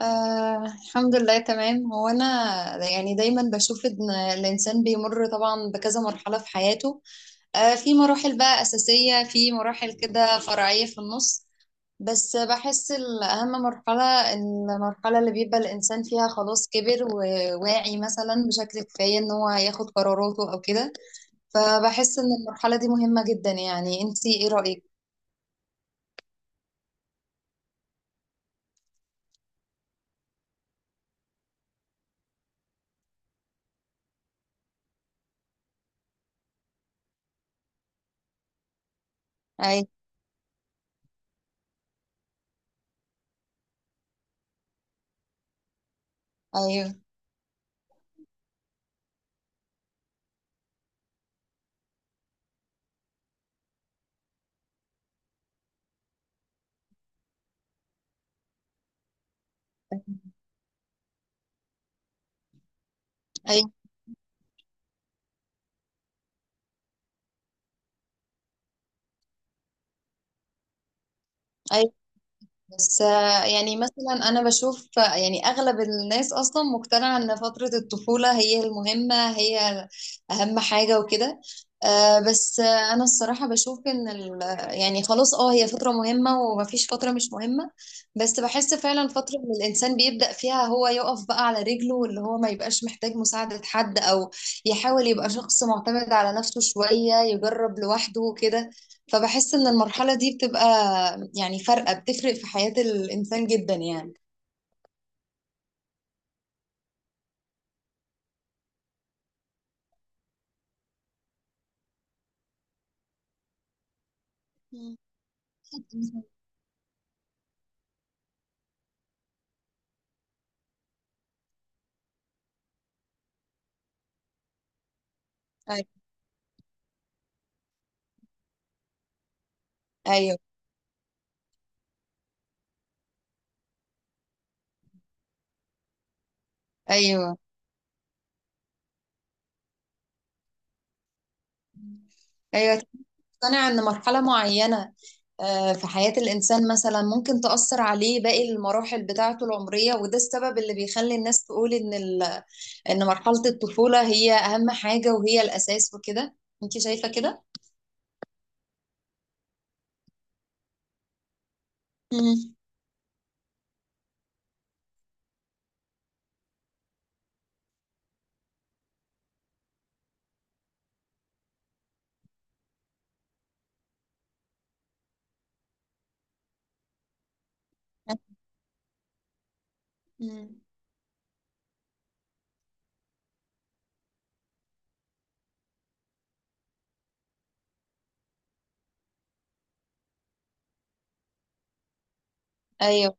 الحمد لله تمام. هو انا يعني دايما بشوف ان الانسان بيمر طبعا بكذا مرحله في حياته. في مراحل بقى اساسيه، في مراحل كده فرعيه في النص، بس بحس الاهم مرحله المرحله اللي بيبقى الانسان فيها خلاص كبر وواعي مثلا بشكل كفايه ان هو ياخد قراراته او كده. فبحس ان المرحله دي مهمه جدا. يعني انتي ايه رايك؟ اي، ايوه، ايوه ايوه. بس يعني مثلا انا بشوف، يعني اغلب الناس اصلا مقتنعه ان فتره الطفوله هي المهمه، هي اهم حاجه وكده. بس انا الصراحه بشوف ان يعني خلاص اه هي فتره مهمه ومفيش فتره مش مهمه، بس بحس فعلا فتره اللي الانسان بيبدا فيها هو يقف بقى على رجله، واللي هو ما يبقاش محتاج مساعده حد، او يحاول يبقى شخص معتمد على نفسه شويه، يجرب لوحده وكده. فبحس ان المرحلة دي بتبقى يعني فارقة، بتفرق في حياة الانسان جدا يعني. مم. ايوه ايوه ايوه ايوه. تقتنع ان مرحلة معينة في حياة الانسان مثلا ممكن تأثر عليه باقي المراحل بتاعته العمرية، وده السبب اللي بيخلي الناس تقول ان ال... ان مرحلة الطفولة هي اهم حاجة وهي الاساس وكده. انت شايفة كده؟ مم. مم. ايوه.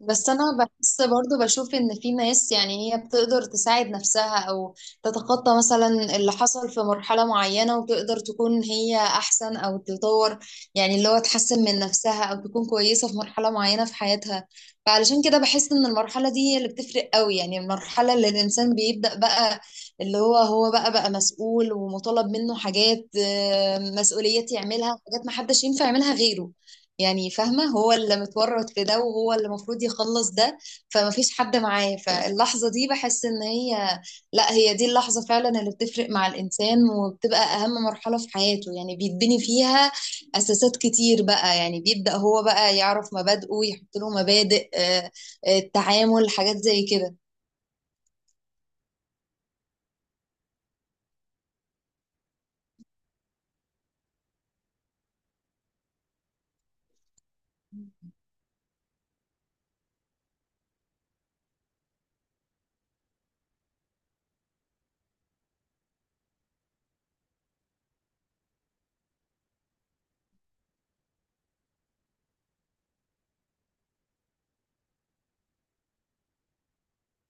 بس انا بحس برضو بشوف ان في ناس يعني هي بتقدر تساعد نفسها او تتخطى مثلا اللي حصل في مرحلة معينة، وتقدر تكون هي احسن او تطور، يعني اللي هو تحسن من نفسها او تكون كويسة في مرحلة معينة في حياتها. فعلشان كده بحس ان المرحلة دي هي اللي بتفرق قوي، يعني المرحلة اللي الانسان بيبدأ بقى اللي هو هو بقى مسؤول ومطالب منه حاجات، مسؤوليات يعملها، حاجات محدش ينفع يعملها غيره. يعني فاهمة، هو اللي متورط في ده وهو اللي المفروض يخلص ده، فما فيش حد معاه. فاللحظة دي بحس ان هي، لا هي دي اللحظة فعلا اللي بتفرق مع الانسان، وبتبقى اهم مرحلة في حياته. يعني بيتبني فيها اساسات كتير بقى، يعني بيبدأ هو بقى يعرف مبادئه، يحط له مبادئ، التعامل حاجات زي كده.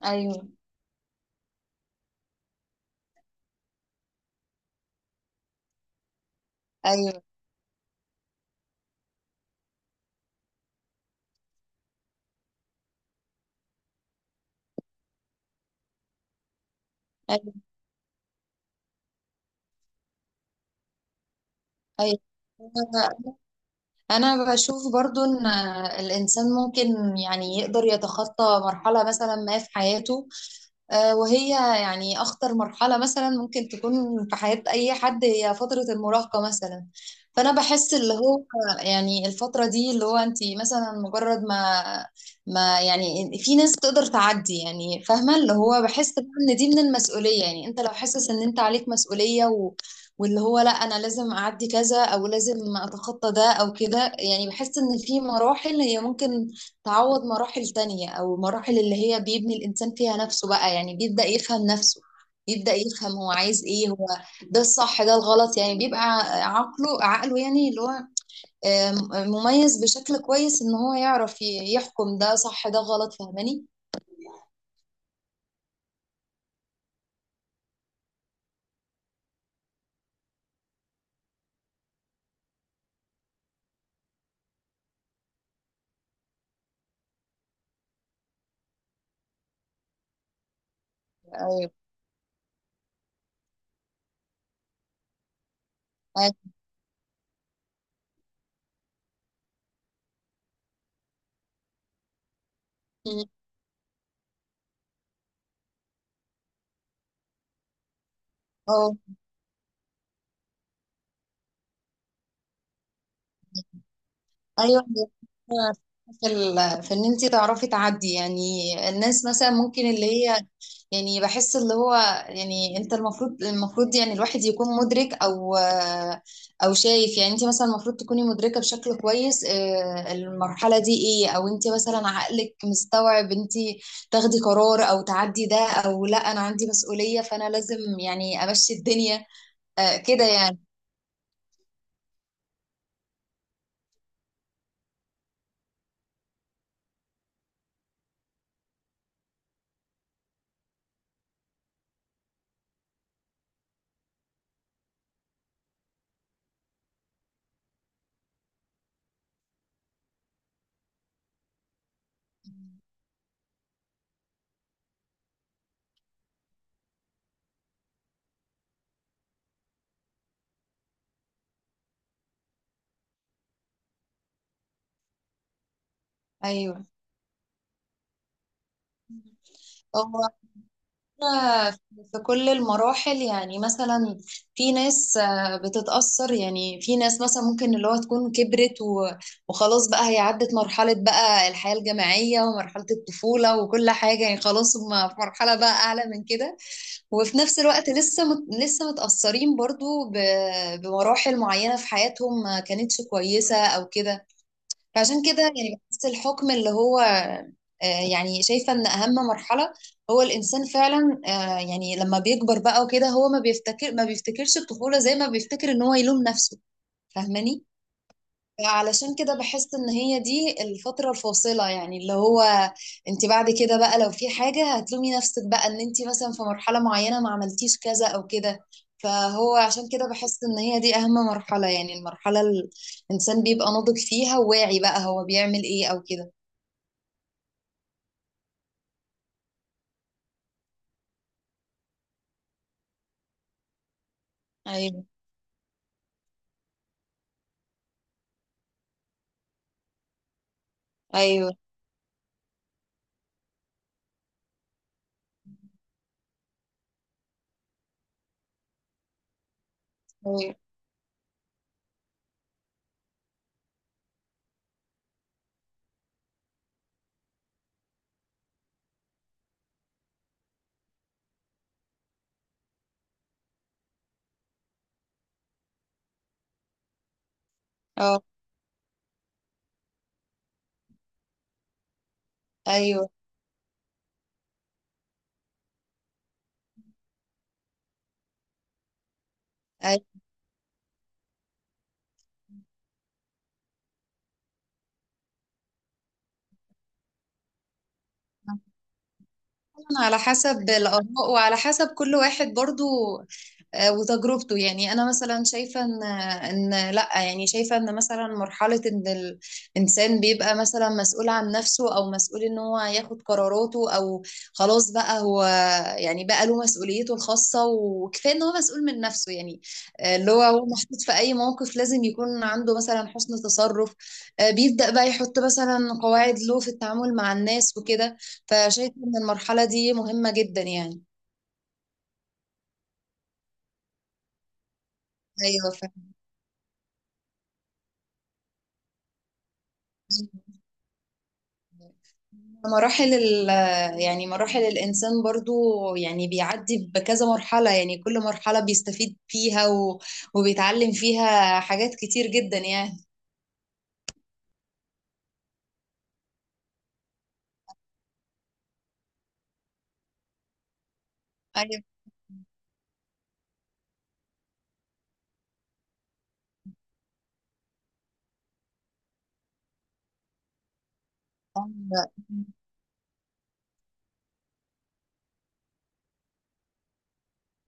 ايوه ايوه ايوه ايوه. انا بشوف برضو ان الانسان ممكن يعني يقدر يتخطى مرحلة مثلا ما في حياته. وهي يعني أخطر مرحلة مثلا ممكن تكون في حياة أي حد هي فترة المراهقة مثلا. فأنا بحس اللي هو يعني الفترة دي اللي هو أنت مثلا مجرد ما يعني في ناس تقدر تعدي. يعني فاهمة اللي هو بحس بقى إن دي من المسؤولية، يعني أنت لو حاسس إن أنت عليك مسؤولية واللي هو لا أنا لازم أعدي كذا، أو لازم أتخطى ده أو كده. يعني بحس إن في مراحل هي ممكن تعوض مراحل تانية، أو المراحل اللي هي بيبني الإنسان فيها نفسه بقى، يعني بيبدأ يفهم نفسه، بيبدأ يفهم هو عايز إيه، هو ده الصح ده الغلط. يعني بيبقى عقله يعني اللي هو آم، مميز بشكل كويس إن هو يعرف يحكم ده صح ده غلط. فاهماني؟ أيوه. أيوه. ايوه هي الفكرة في في ان انت تعرفي تعدي يعني. الناس مثلا ممكن اللي هي يعني بحس اللي هو يعني انت المفروض يعني الواحد يكون مدرك او او شايف، يعني انت مثلا المفروض تكوني مدركة بشكل كويس، المرحلة دي ايه، او انت مثلا عقلك مستوعب انت تاخدي قرار او تعدي ده، او لا انا عندي مسؤولية فانا لازم يعني امشي الدنيا كده يعني. ايوه. هو إحنا في كل المراحل يعني مثلا في ناس بتتأثر، يعني في ناس مثلا ممكن اللي هو تكون كبرت و- وخلاص بقى هي عدت مرحلة بقى الحياة الجامعية ومرحلة الطفولة وكل حاجة، يعني خلاص هم في مرحلة بقى أعلى من كده، وفي نفس الوقت لسه متأثرين برضو ب- بمراحل معينة في حياتهم ما كانتش كويسة أو كده. فعشان كده يعني بحس الحكم اللي هو يعني شايفة إن أهم مرحلة هو الإنسان فعلا، يعني لما بيكبر بقى وكده هو ما بيفتكرش الطفولة زي ما بيفتكر إن هو يلوم نفسه. فاهماني؟ علشان كده بحس ان هي دي الفترة الفاصلة، يعني اللي هو انت بعد كده بقى لو في حاجة هتلومي نفسك بقى ان انت مثلا في مرحلة معينة ما عملتيش كذا او كده. فهو عشان كده بحس ان هي دي اهم مرحلة، يعني الانسان بيبقى ناضج فيها وواعي بقى هو بيعمل ايه او كده. ايوه ايوه ايوه اه ايوه ايوه. طبعاً على حسب الآراء، وعلى حسب كل واحد برضو وتجربته. يعني أنا مثلا شايفة إن إن لأ، يعني شايفة إن مثلا مرحلة إن الإنسان بيبقى مثلا مسؤول عن نفسه، أو مسؤول إن هو ياخد قراراته، أو خلاص بقى هو يعني بقى له مسؤوليته الخاصة، وكفاية إن هو مسؤول من نفسه يعني. اللي هو هو محطوط في أي موقف لازم يكون عنده مثلا حسن تصرف، بيبدأ بقى يحط مثلا قواعد له في التعامل مع الناس وكده. فشايفة إن المرحلة دي مهمة جدا يعني. أيوة فعلا. مراحل ال يعني مراحل الإنسان برضو، يعني بيعدي بكذا مرحلة، يعني كل مرحلة بيستفيد فيها، وبيتعلم فيها حاجات كتير جدا يعني. أيوة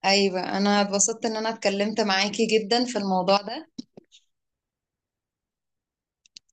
أيوة. أنا اتبسطت إن أنا اتكلمت معاكي جدا في الموضوع ده.